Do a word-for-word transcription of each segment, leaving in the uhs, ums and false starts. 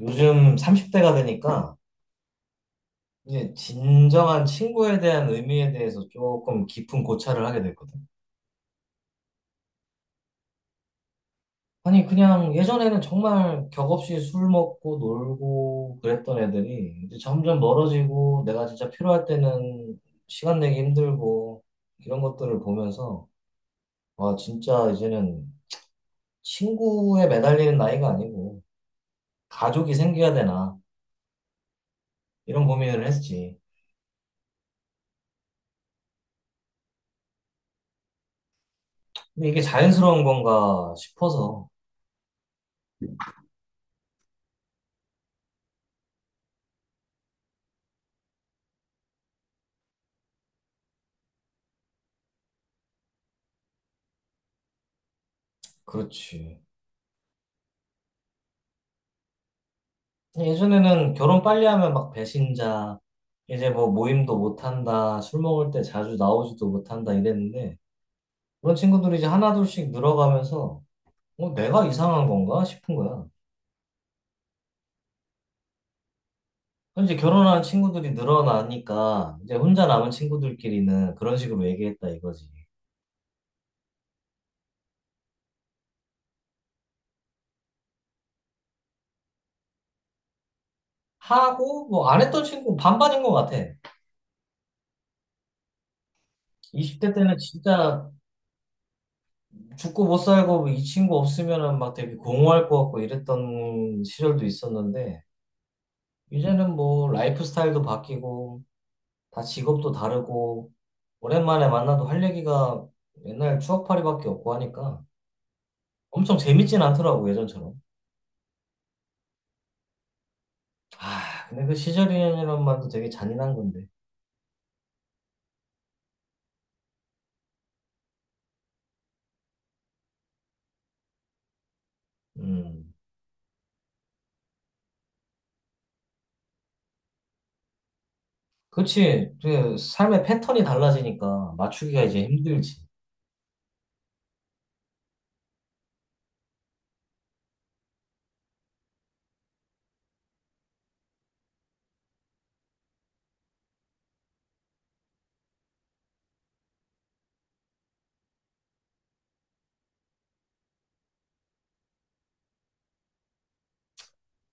요즘 삼십 대가 되니까 이제 진정한 친구에 대한 의미에 대해서 조금 깊은 고찰을 하게 됐거든. 아니, 그냥 예전에는 정말 격 없이 술 먹고 놀고 그랬던 애들이 이제 점점 멀어지고 내가 진짜 필요할 때는 시간 내기 힘들고 이런 것들을 보면서 와, 진짜 이제는 친구에 매달리는 나이가 아니고 가족이 생겨야 되나 이런 고민을 했지. 근데 이게 자연스러운 건가 싶어서 그렇지. 예전에는 결혼 빨리 하면 막 배신자, 이제 뭐 모임도 못한다, 술 먹을 때 자주 나오지도 못한다 이랬는데, 그런 친구들이 이제 하나둘씩 늘어가면서, 어, 내가 이상한 건가 싶은 거야. 그럼 이제 결혼한 친구들이 늘어나니까, 이제 혼자 남은 친구들끼리는 그런 식으로 얘기했다 이거지. 하고, 뭐 안 했던 친구 반반인 것 같아. 이십 대 때는 진짜 죽고 못 살고 이 친구 없으면은 막 되게 공허할 것 같고 이랬던 시절도 있었는데, 이제는 뭐 라이프 스타일도 바뀌고 다 직업도 다르고 오랜만에 만나도 할 얘기가 옛날 추억팔이밖에 없고 하니까 엄청 재밌진 않더라고 예전처럼. 아 근데 그 시절이란 말도 되게 잔인한 건데. 음 그렇지. 그 삶의 패턴이 달라지니까 맞추기가 이제 힘들지.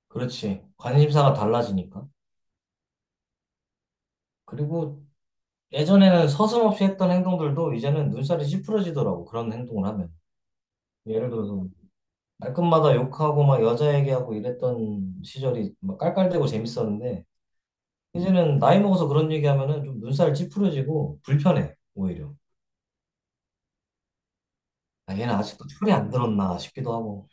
그렇지. 관심사가 달라지니까. 그리고 예전에는 서슴없이 했던 행동들도 이제는 눈살이 찌푸려지더라고 그런 행동을 하면. 예를 들어서 말끝마다 욕하고 막 여자 얘기하고 이랬던 시절이 막 깔깔대고 재밌었는데 이제는 나이 먹어서 그런 얘기하면은 좀 눈살 찌푸려지고 불편해 오히려 아, 얘는 아직도 철이 안 들었나 싶기도 하고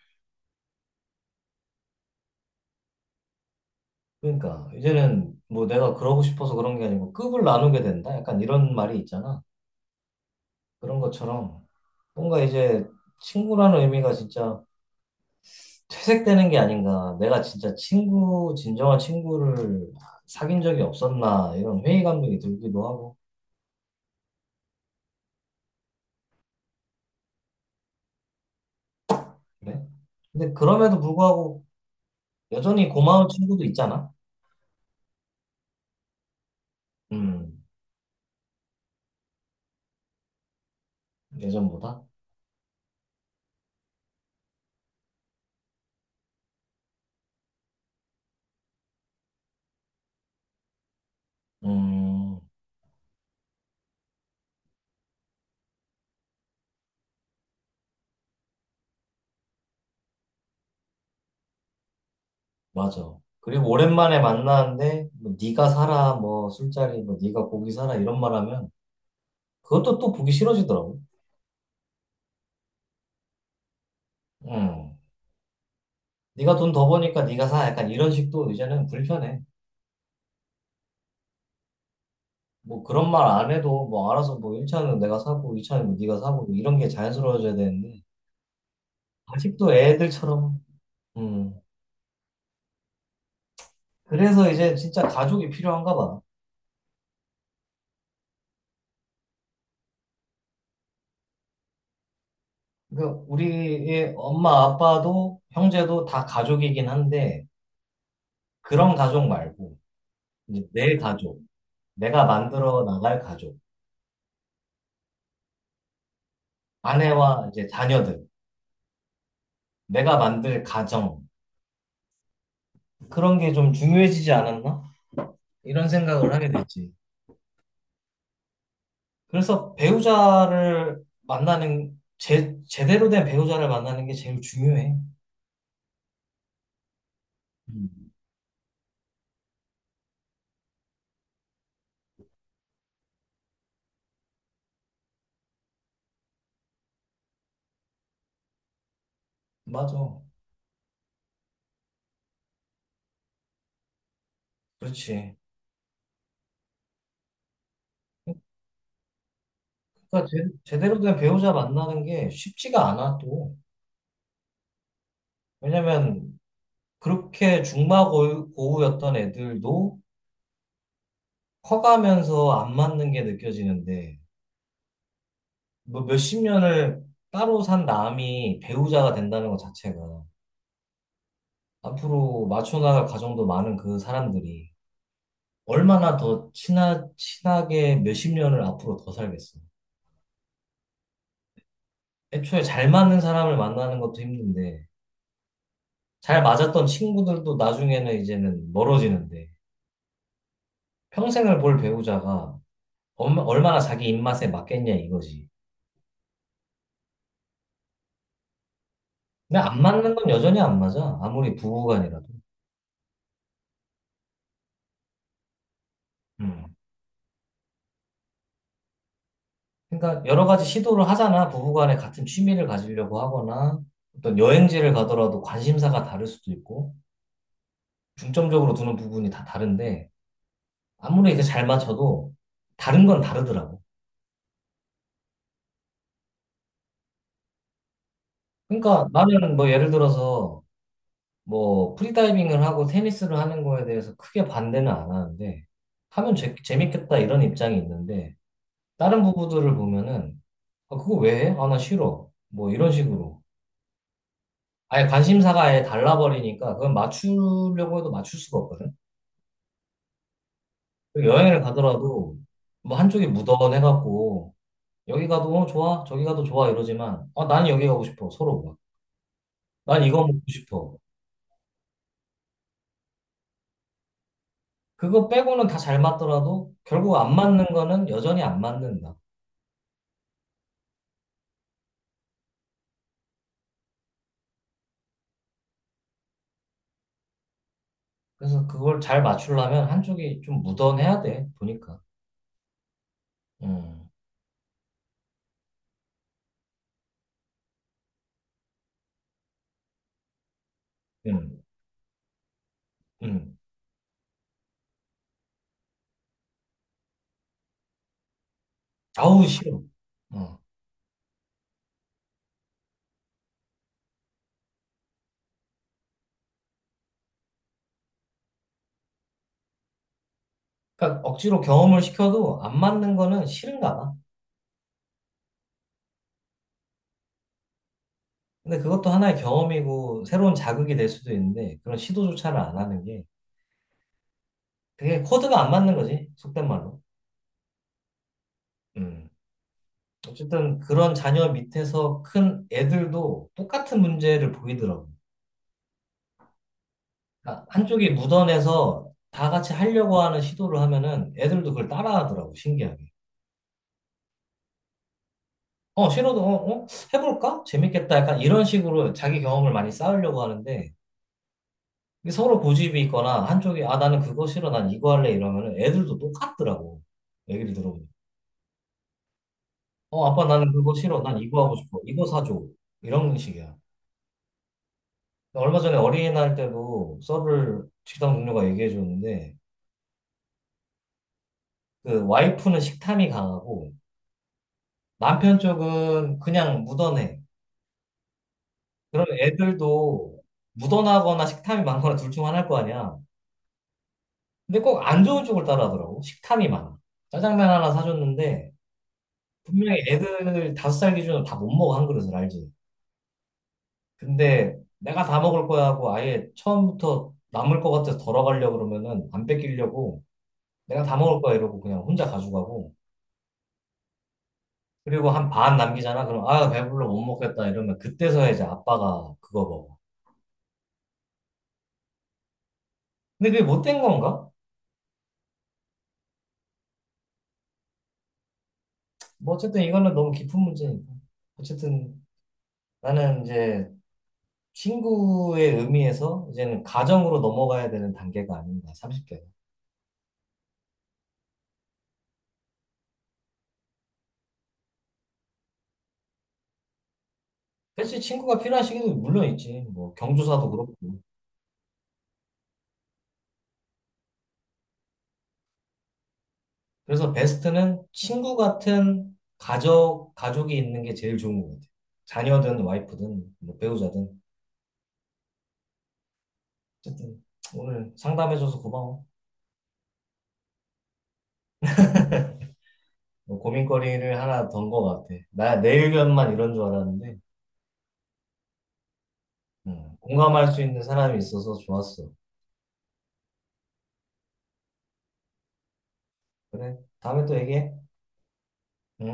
그러니까 이제는 뭐 내가 그러고 싶어서 그런 게 아니고 급을 나누게 된다 약간 이런 말이 있잖아 그런 것처럼 뭔가 이제 친구라는 의미가 진짜 퇴색되는 게 아닌가 내가 진짜 친구 진정한 친구를 사귄 적이 없었나 이런 회의감이 들기도 하고 그래? 근데 그럼에도 불구하고 여전히 고마운 친구도 있잖아. 음, 예전보다. 음, 맞아. 그리고 오랜만에 만나는데 뭐 네가 사라, 뭐 술자리, 뭐 네가 고기 사라 이런 말하면 그것도 또 보기 싫어지더라고. 음, 네가 돈 더 버니까 네가 사. 약간 이런 식도 이제는 불편해. 뭐 그런 말 안 해도 뭐 알아서 뭐 일 차는 내가 사고 이차는 네가 사고 뭐 이런 게 자연스러워져야 되는데 아직도 애들처럼. 음, 그래서 이제 진짜 가족이 필요한가 봐. 그 우리의 엄마, 아빠도 형제도 다 가족이긴 한데 그런 가족 말고 이제 내 가족, 내가 만들어 나갈 가족, 아내와 이제 자녀들, 내가 만들 가정 그런 게 좀 중요해지지 않았나? 이런 생각을 하게 됐지. 그래서 배우자를 만나는 제, 제대로 된 배우자를 만나는 게 제일 중요해. 음, 맞아. 그렇지. 그러니까 제, 제대로 된 배우자 만나는 게 쉽지가 않아 또. 왜냐면 그렇게 중마고우였던 애들도 커가면서 안 맞는 게 느껴지는데, 뭐 몇십 년을 따로 산 남이 배우자가 된다는 것 자체가 앞으로 맞춰나갈 과정도 많은 그 사람들이 얼마나 더 친하, 친하게 몇십 년을 앞으로 더 살겠어. 애초에 잘 맞는 사람을 만나는 것도 힘든데, 잘 맞았던 친구들도 나중에는 이제는 멀어지는데, 평생을 볼 배우자가 얼마- 얼마나 자기 입맛에 맞겠냐 이거지. 근데 안 맞는 건 여전히 안 맞아. 아무리 부부간이라도. 음. 그러니까 여러 가지 시도를 하잖아. 부부간에 같은 취미를 가지려고 하거나 어떤 여행지를 가더라도 관심사가 다를 수도 있고 중점적으로 두는 부분이 다 다른데 아무리 이제 잘 맞춰도 다른 건 다르더라고. 그러니까 나는 뭐 예를 들어서 뭐 프리다이빙을 하고 테니스를 하는 거에 대해서 크게 반대는 안 하는데 하면 재, 재밌겠다 이런 입장이 있는데 다른 부부들을 보면은 아, 그거 왜 해? 아, 나 싫어. 뭐 이런 식으로. 아예 관심사가 아예 달라버리니까 그건 맞추려고 해도 맞출 수가 없거든. 그리고 여행을 가더라도 뭐 한쪽이 무던해갖고 여기 가도 어, 좋아, 저기 가도 좋아 이러지만 어, 나는 여기 가고 싶어 서로가. 난 이거 먹고 싶어. 그거 빼고는 다 잘 맞더라도 결국 안 맞는 거는 여전히 안 맞는다. 그래서 그걸 잘 맞추려면 한쪽이 좀 무던해야 돼 보니까. 음, 음, 음. 아우 싫어. 어. 그러니까 억지로 경험을 시켜도 안 맞는 거는 싫은가 봐. 근데 그것도 하나의 경험이고 새로운 자극이 될 수도 있는데 그런 시도조차를 안 하는 게 그게 코드가 안 맞는 거지 속된 말로. 음. 어쨌든 그런 자녀 밑에서 큰 애들도 똑같은 문제를 보이더라고. 그러니까 한쪽이 묻어내서 다 같이 하려고 하는 시도를 하면은 애들도 그걸 따라하더라고 신기하게. 어 싫어도 어, 어? 해볼까? 재밌겠다. 약간 이런 식으로 자기 경험을 많이 쌓으려고 하는데 이게 서로 고집이 있거나 한쪽이 아 나는 그거 싫어 난 이거 할래 이러면은 애들도 똑같더라고. 얘기를 들어보니 어, 아빠 나는 그거 싫어. 난 이거 하고 싶어. 이거 사줘. 이런 식이야. 얼마 전에 어린이날 때도 서브를 식당 동료가 얘기해 줬는데, 그 와이프는 식탐이 강하고, 남편 쪽은 그냥 묻어내. 그러면 애들도 묻어나거나 식탐이 많거나 둘 중 하나일 거 아니야. 근데 꼭 안 좋은 쪽을 따라하더라고. 식탐이 많아. 짜장면 하나 사줬는데, 분명히 애들 다섯 살 기준으로 다 못 먹어, 한 그릇을 알지. 근데 내가 다 먹을 거야 하고 아예 처음부터 남을 것 같아서 덜어가려고 그러면은 안 뺏기려고 내가 다 먹을 거야 이러고 그냥 혼자 가져가고 그리고 한 반 남기잖아. 그럼 아, 배불러 못 먹겠다 이러면 그때서야 이제 아빠가 그거 먹어. 근데 그게 못된 건가? 뭐 어쨌든 이거는 너무 깊은 문제니까. 어쨌든 나는 이제 친구의 의미에서 이제는 가정으로 넘어가야 되는 단계가 아닌가, 삼십 대가. 그치, 친구가 필요한 시기도 물론 있지. 뭐 경조사도 그렇고. 그래서 베스트는 친구 같은 가족, 가족이 있는 게 제일 좋은 것 같아요. 자녀든 와이프든 뭐 배우자든 어쨌든 오늘 상담해줘서 고마워. 뭐 고민거리를 하나 던 것 같아. 나 내 의견만 이런 줄 알았는데 음, 공감할 수 있는 사람이 있어서 좋았어. 그래, 다음에 또 얘기해. 음.